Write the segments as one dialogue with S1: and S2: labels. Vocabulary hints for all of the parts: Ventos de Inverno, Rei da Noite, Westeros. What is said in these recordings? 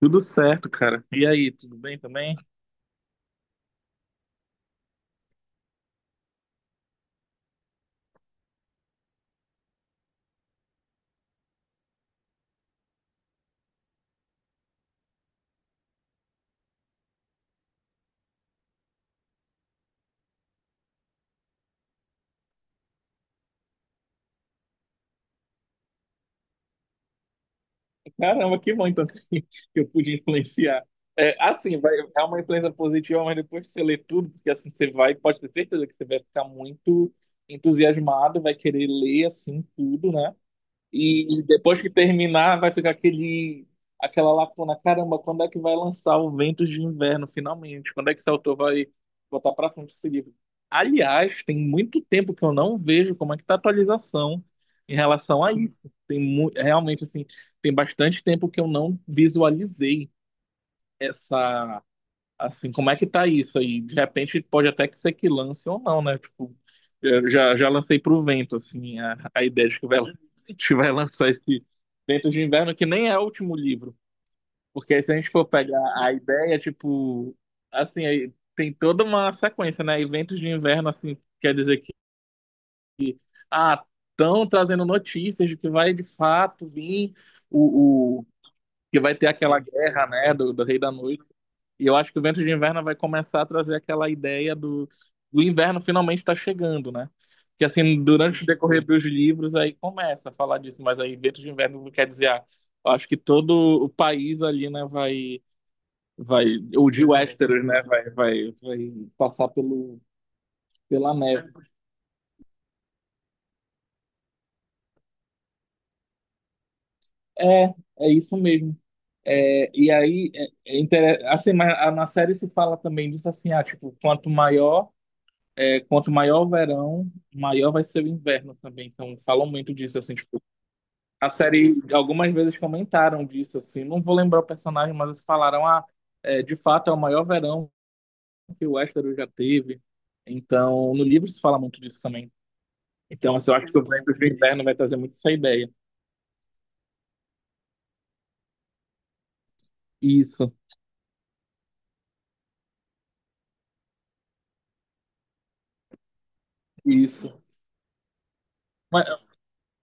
S1: Tudo certo, cara. E aí, tudo bem também? Caramba, que bom então que eu pude influenciar. É, assim, vai, é uma influência positiva, mas depois que você lê tudo, porque assim você vai, pode ter certeza que você vai ficar muito entusiasmado, vai querer ler assim tudo, né? E depois que terminar, vai ficar aquela lacuna. Caramba, quando é que vai lançar o Ventos de Inverno, finalmente? Quando é que esse autor vai botar pra frente esse livro? Aliás, tem muito tempo que eu não vejo como é que tá a atualização em relação a isso. Realmente, assim, tem bastante tempo que eu não visualizei essa. Assim, como é que tá isso aí? De repente pode até que ser que lance ou não, né? Tipo, eu já lancei pro vento, assim, a ideia de que vai, se tiver lançar esse Ventos de Inverno, que nem é o último livro. Porque aí, se a gente for pegar a ideia, tipo, assim, aí tem toda uma sequência, né? Eventos de Inverno, assim, quer dizer que, ah, estão trazendo notícias de que vai de fato vir o, que vai ter aquela guerra, né, do Rei da Noite. E eu acho que o Vento de Inverno vai começar a trazer aquela ideia do inverno finalmente está chegando, né? Que assim, durante o decorrer dos livros, aí começa a falar disso, mas aí Vento de Inverno quer dizer, eu acho que todo o país ali, né, vai, o de Westeros, né, vai passar pela neve. É, é isso mesmo. É, e aí, assim, mas na série se fala também disso assim, tipo, quanto maior o verão, maior vai ser o inverno também. Então, falam muito disso, assim, tipo, a série, algumas vezes comentaram disso, assim, não vou lembrar o personagem, mas eles falaram, de fato é o maior verão que o Westeros já teve. Então, no livro se fala muito disso também. Então, assim, eu acho que o vento do inverno vai trazer muito essa ideia. Isso, isso. Mas-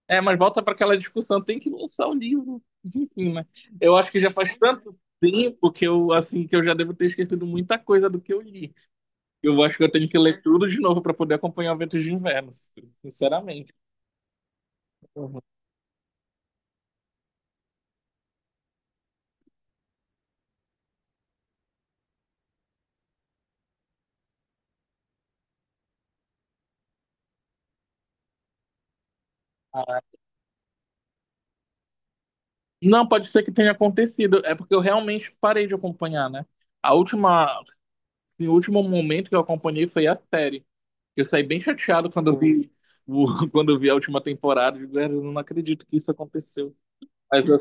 S1: mas volta para aquela discussão, tem que lançar o livro. Enfim, né? Eu acho que já faz tanto tempo que eu, assim, que eu já devo ter esquecido muita coisa do que eu li. Eu acho que eu tenho que ler tudo de novo para poder acompanhar o Ventos de Inverno, sinceramente. Uhum. Ah, não, pode ser que tenha acontecido. É porque eu realmente parei de acompanhar, né? A última, assim, o último momento que eu acompanhei foi a série. Eu saí bem chateado quando eu vi, o- quando eu vi a última temporada. Eu digo, "Ah, eu não acredito que isso aconteceu." Mas eu-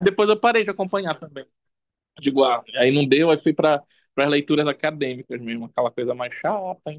S1: depois eu parei de acompanhar também. Digo, aí não deu, aí fui para as leituras acadêmicas mesmo, aquela coisa mais chata.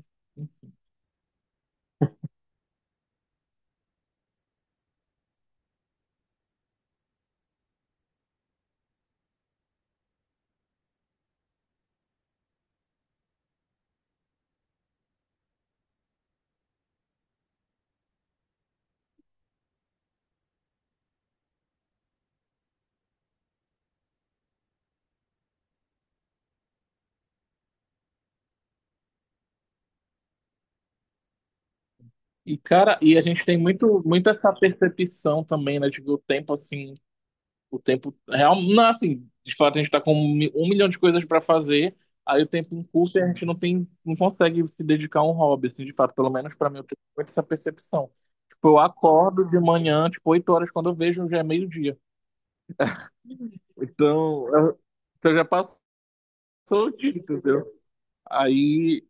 S1: E, cara, e a gente tem muito, muito essa percepção também, né? De que o tempo, assim, o tempo real. Não, assim, de fato, a gente tá com um milhão de coisas pra fazer, aí o tempo encurta e a gente não tem, não consegue se dedicar a um hobby, assim, de fato, pelo menos pra mim, eu tenho muito essa percepção. Tipo, eu acordo de manhã, tipo, 8 horas, quando eu vejo, já é meio-dia. Então, eu, então já passou o dia, entendeu? Aí,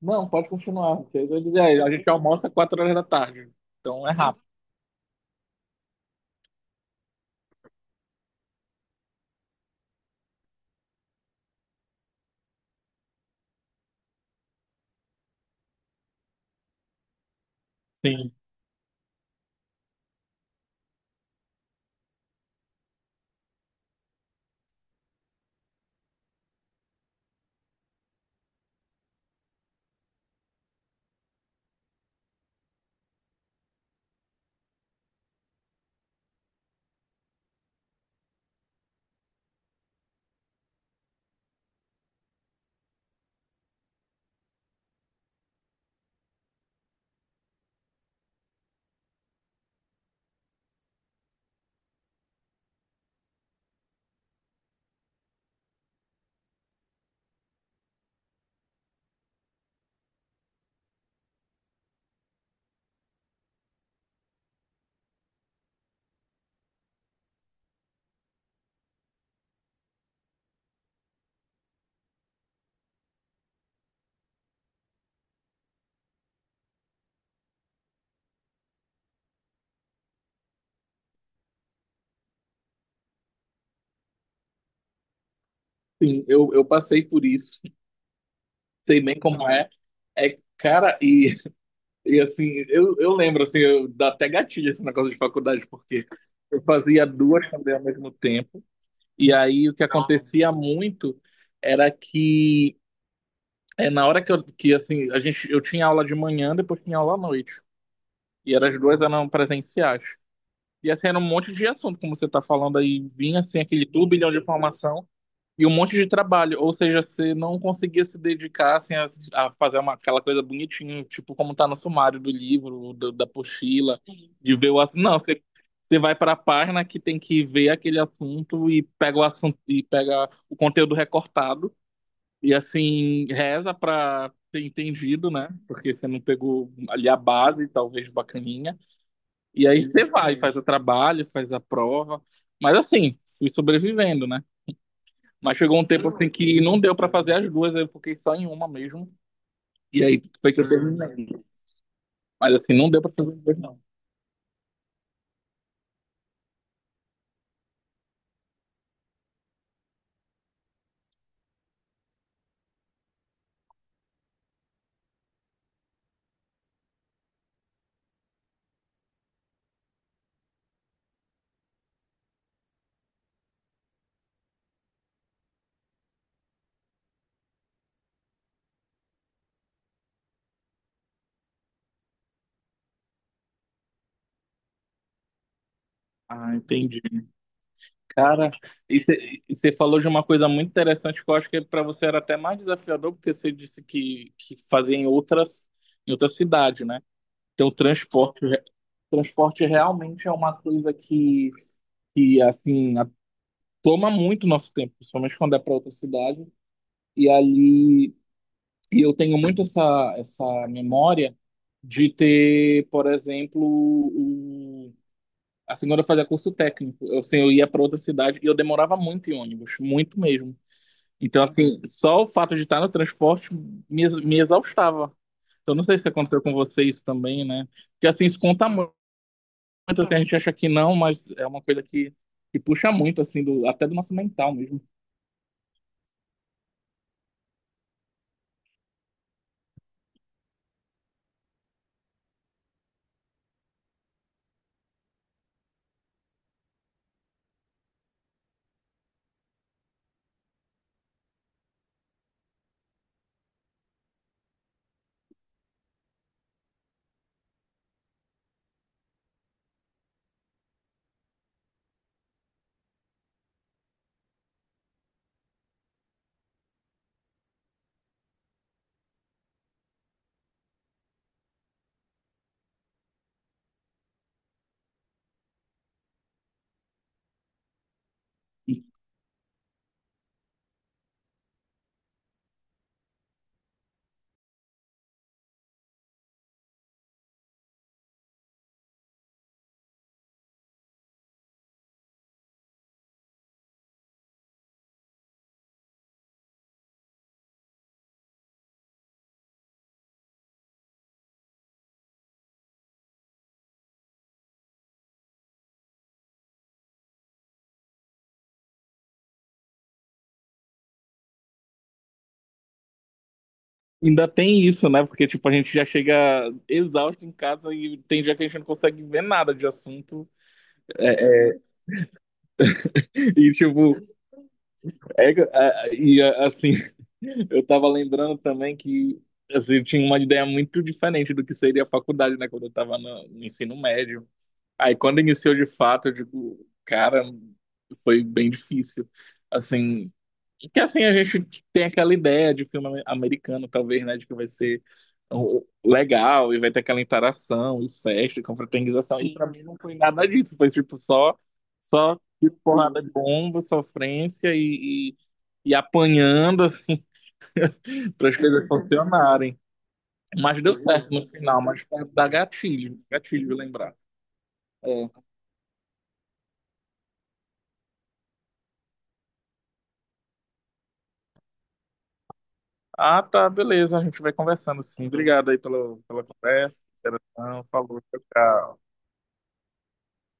S1: não, pode continuar. Porque eu ia dizer, aí, a gente almoça 4 horas da tarde, então é rápido. Sim, eu passei por isso, sei bem como é. É, cara, e assim, eu lembro, assim, dá até gatilho esse negócio de faculdade, porque eu fazia duas também ao mesmo tempo, e aí o que acontecia muito era que, na hora que, que assim, a gente, eu tinha aula de manhã, depois tinha aula à noite, e eram as duas eram presenciais. E assim, era um monte de assunto, como você tá falando aí, vinha assim, aquele turbilhão de informação. E um monte de trabalho, ou seja, você não conseguia se dedicar assim, a fazer aquela coisa bonitinha, tipo como tá no sumário do livro, da apostila, de ver o assunto. Não, você vai para a página que tem que ver aquele assunto e pega o assunto e pega o conteúdo recortado e assim reza para ter entendido, né? Porque você não pegou ali a base, talvez bacaninha. E aí você vai, faz o trabalho, faz a prova, mas assim, fui sobrevivendo, né? Mas chegou um tempo assim que não deu pra fazer as duas, eu fiquei só em uma mesmo. E aí foi que eu terminei. Mas assim, não deu pra fazer as duas, não. Ah, entendi. Cara, e você falou de uma coisa muito interessante que eu acho que pra você era até mais desafiador, porque você disse que fazia em outra cidade, né? Então, o transporte, transporte realmente é uma coisa que assim, toma muito nosso tempo, principalmente quando é para outra cidade. E ali E eu tenho muito essa memória de ter, por exemplo, assim, quando eu fazia curso técnico, assim, eu ia para outra cidade e eu demorava muito em ônibus, muito mesmo. Então, assim, só o fato de estar no transporte me exaustava. Então, não sei se aconteceu com você isso também, né? Porque, assim, isso conta muito, assim, a gente acha que não, mas é uma coisa que puxa muito, assim, até do nosso mental mesmo. Ainda tem isso, né? Porque, tipo, a gente já chega exausto em casa e tem dia que a gente não consegue ver nada de assunto. É, e, tipo, e é, assim, eu tava lembrando também que assim, eu tinha uma ideia muito diferente do que seria a faculdade, né? Quando eu tava no ensino médio. Aí quando iniciou de fato, eu digo, cara, foi bem difícil. Assim, que assim a gente tem aquela ideia de filme americano, talvez, né, de que vai ser legal e vai ter aquela interação e festa, e confraternização. E pra mim não foi nada disso, foi tipo só tiro, porrada de bomba, sofrência e apanhando assim para as coisas funcionarem. Mas deu certo no final, mas dá gatilho, gatilho de lembrar. É. Ah, tá, beleza. A gente vai conversando, sim. Obrigado aí pela conversa, pela interação. Falou, tchau, tchau.